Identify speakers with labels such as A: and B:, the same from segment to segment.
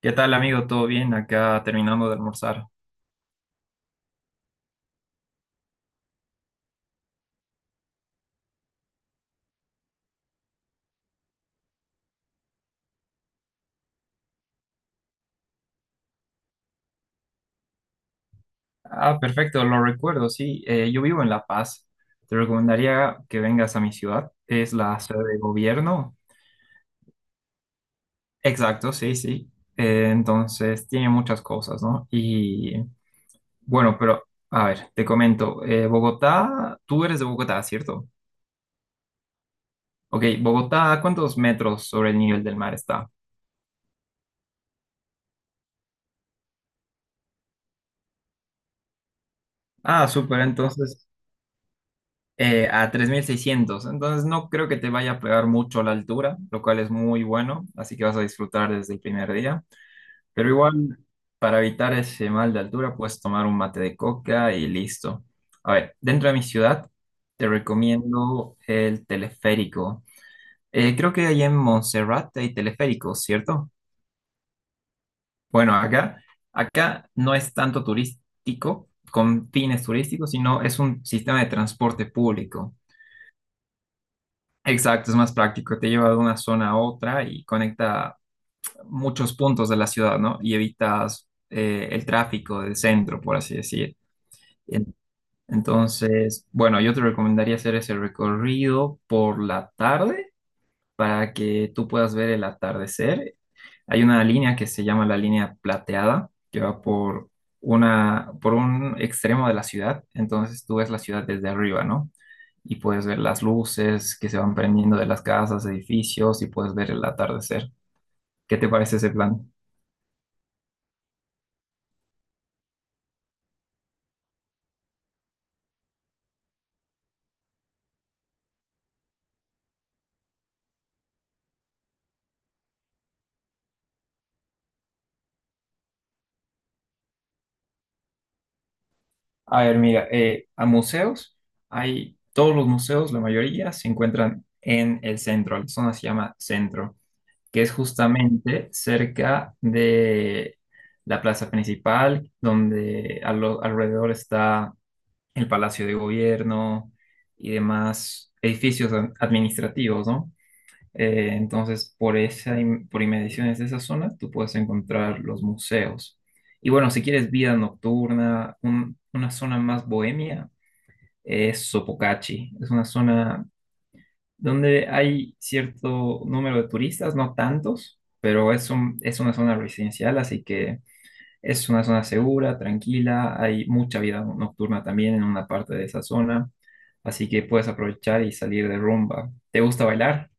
A: ¿Qué tal, amigo? ¿Todo bien? Acá terminando de almorzar. Ah, perfecto, lo recuerdo, sí. Yo vivo en La Paz. Te recomendaría que vengas a mi ciudad. Es la sede de gobierno. Exacto, sí, sí. Entonces, tiene muchas cosas, ¿no? Y bueno, pero a ver, te comento. Bogotá, tú eres de Bogotá, ¿cierto? Ok, Bogotá, ¿cuántos metros sobre el nivel del mar está? Ah, súper, entonces, a 3.600. Entonces no creo que te vaya a pegar mucho la altura, lo cual es muy bueno, así que vas a disfrutar desde el primer día. Pero igual, para evitar ese mal de altura, puedes tomar un mate de coca y listo. A ver, dentro de mi ciudad, te recomiendo el teleférico. Creo que ahí en Montserrat hay teleféricos, ¿cierto? Bueno, acá no es tanto turístico, con fines turísticos, sino es un sistema de transporte público. Exacto, es más práctico, te lleva de una zona a otra y conecta muchos puntos de la ciudad, ¿no? Y evitas el tráfico del centro, por así decir. En- Entonces, bueno, yo te recomendaría hacer ese recorrido por la tarde para que tú puedas ver el atardecer. Hay una línea que se llama la línea plateada, que va por un extremo de la ciudad, entonces tú ves la ciudad desde arriba, ¿no? Y puedes ver las luces que se van prendiendo de las casas, edificios y puedes ver el atardecer. ¿Qué te parece ese plan? A ver, mira, a museos, hay todos los museos, la mayoría, se encuentran en el centro, la zona se llama centro, que es justamente cerca de la plaza principal, donde alrededor está el Palacio de Gobierno y demás edificios administrativos, ¿no? Entonces, por inmediaciones de esa zona, tú puedes encontrar los museos. Y bueno, si quieres vida nocturna, una zona más bohemia, es Sopocachi. Es una zona donde hay cierto número de turistas, no tantos, pero es una zona residencial, así que es una zona segura, tranquila. Hay mucha vida nocturna también en una parte de esa zona, así que puedes aprovechar y salir de rumba. ¿Te gusta bailar?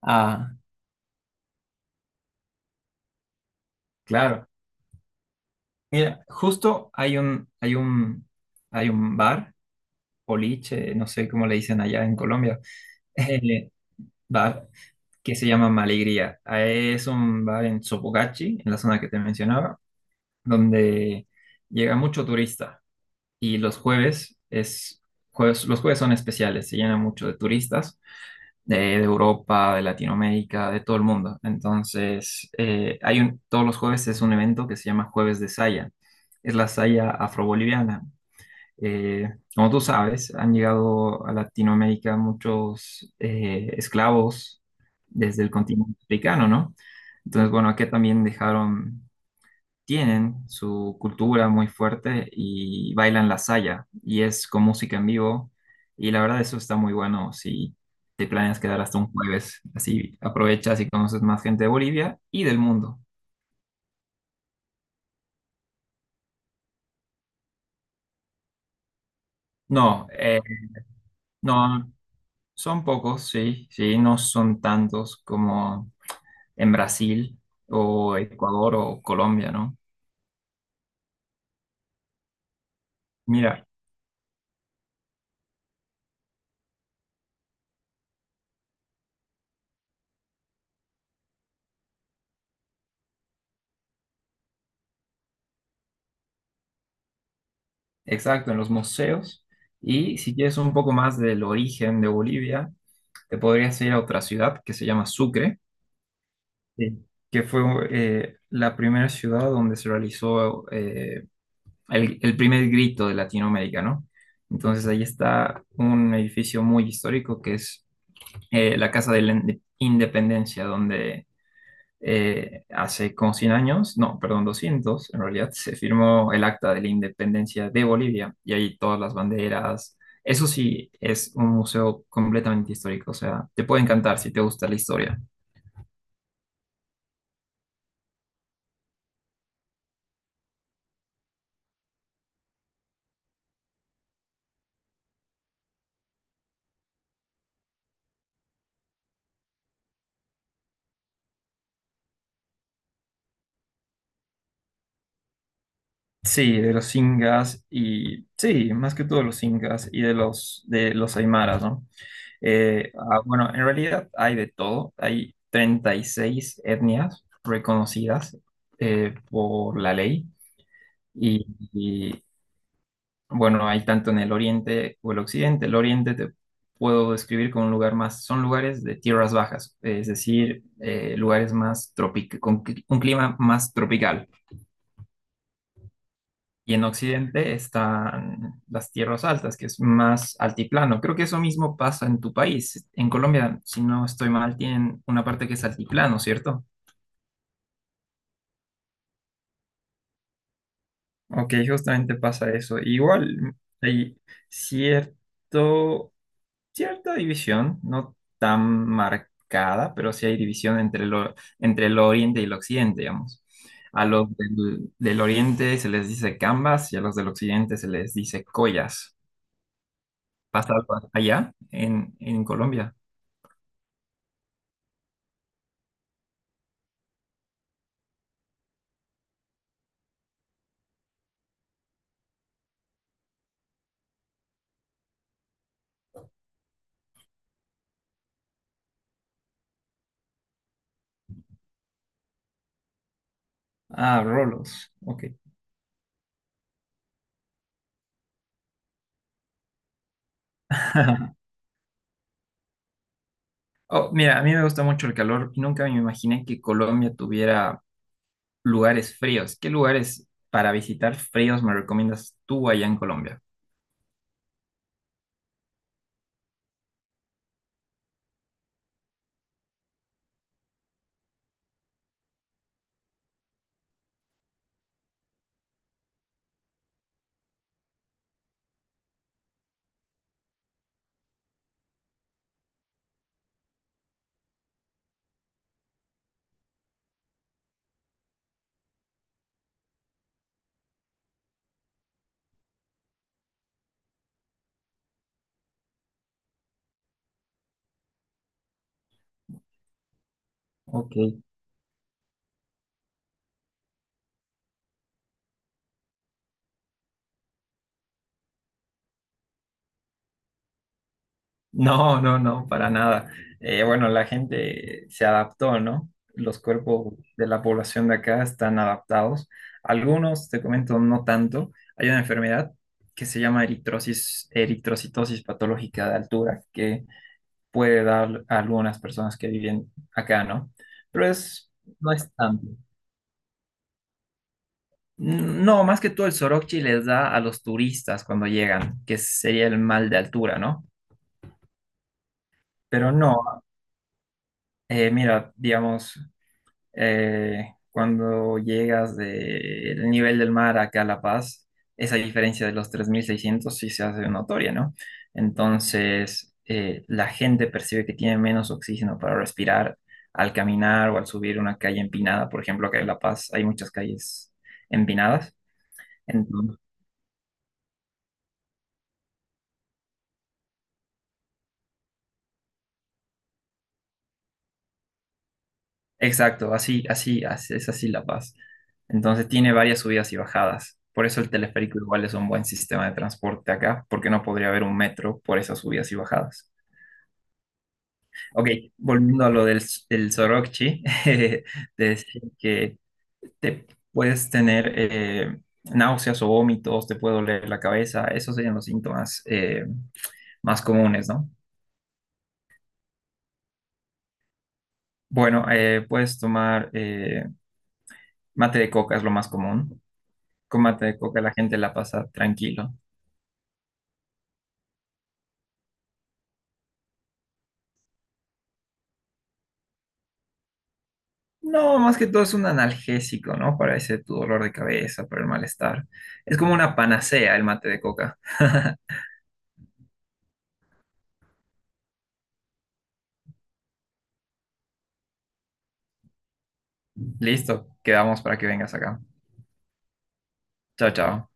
A: Ah, claro. Mira, justo hay un bar, boliche, no sé cómo le dicen allá en Colombia, eh, bar que se llama Malegría. Ah, es un bar en Sopogachi, en la zona que te mencionaba, donde llega mucho turista y los jueves son especiales, se llena mucho de turistas de Europa, de Latinoamérica, de todo el mundo. Entonces, todos los jueves es un evento que se llama Jueves de Saya, es la saya afroboliviana. Eh, Como tú sabes, han llegado a Latinoamérica muchos esclavos desde el continente africano, ¿no? Entonces, bueno, aquí también dejaron, tienen su cultura muy fuerte y bailan la saya y es con música en vivo y la verdad eso está muy bueno si te planeas quedar hasta un jueves, así aprovechas y conoces más gente de Bolivia y del mundo. No, no, son pocos, sí, sí, no son tantos como en Brasil o Ecuador o Colombia, ¿no? Mira, exacto, en los museos. Y si quieres un poco más del origen de Bolivia, te podrías ir a otra ciudad que se llama Sucre. Sí, que fue la primera ciudad donde se realizó el primer grito de Latinoamérica, ¿no? Entonces ahí está un edificio muy histórico que es la Casa de la Independencia, donde hace como 100 años, no, perdón, 200 en realidad, se firmó el Acta de la Independencia de Bolivia y ahí todas las banderas. Eso sí, es un museo completamente histórico, o sea, te puede encantar si te gusta la historia. Sí, de los incas y sí, más que todo los incas y de los aymaras, ¿no? Ah, bueno, en realidad hay de todo. Hay 36 etnias reconocidas por la ley. Y, y, bueno, hay tanto en el oriente o el occidente. El oriente te puedo describir como un lugar más, son lugares de tierras bajas, es decir, lugares con un clima más tropical. Y en Occidente están las tierras altas, que es más altiplano. Creo que eso mismo pasa en tu país. En Colombia, si no estoy mal, tienen una parte que es altiplano, ¿cierto? Ok, justamente pasa eso. Igual hay cierto, cierta división, no tan marcada, pero sí hay división entre el oriente y el occidente, digamos. A los del oriente se les dice cambas y a los del occidente se les dice collas. ¿Pasa algo allá en Colombia? Ah, rolos. Ok. Oh, mira, a mí me gusta mucho el calor y nunca me imaginé que Colombia tuviera lugares fríos. ¿Qué lugares para visitar fríos me recomiendas tú allá en Colombia? Ok. No, no, no, para nada. Bueno, la gente se adaptó, ¿no? Los cuerpos de la población de acá están adaptados. Algunos, te comento, no tanto. Hay una enfermedad que se llama eritrosis, eritrocitosis patológica de altura que puede dar a algunas personas que viven acá, ¿no? Pero no es tanto. No, más que todo el soroche les da a los turistas cuando llegan, que sería el mal de altura, ¿no? Pero no, mira, digamos, cuando llegas del nivel del mar acá a La Paz, esa diferencia de los 3.600 sí se hace notoria, ¿no? Entonces, la gente percibe que tiene menos oxígeno para respirar al caminar o al subir una calle empinada. Por ejemplo, acá en La Paz hay muchas calles empinadas. Exacto, es así La Paz. Entonces tiene varias subidas y bajadas. Por eso el teleférico igual es un buen sistema de transporte acá, porque no podría haber un metro por esas subidas y bajadas. Ok, volviendo a lo del Sorokchi, de decir que te puedes tener náuseas o vómitos, te puede doler la cabeza, esos serían los síntomas más comunes, ¿no? Bueno, puedes tomar mate de coca, es lo más común. Con mate de coca la gente la pasa tranquilo. No, más que todo es un analgésico, ¿no? Para ese tu dolor de cabeza, para el malestar. Es como una panacea el mate de coca. Listo, quedamos para que vengas acá. Chao, chao.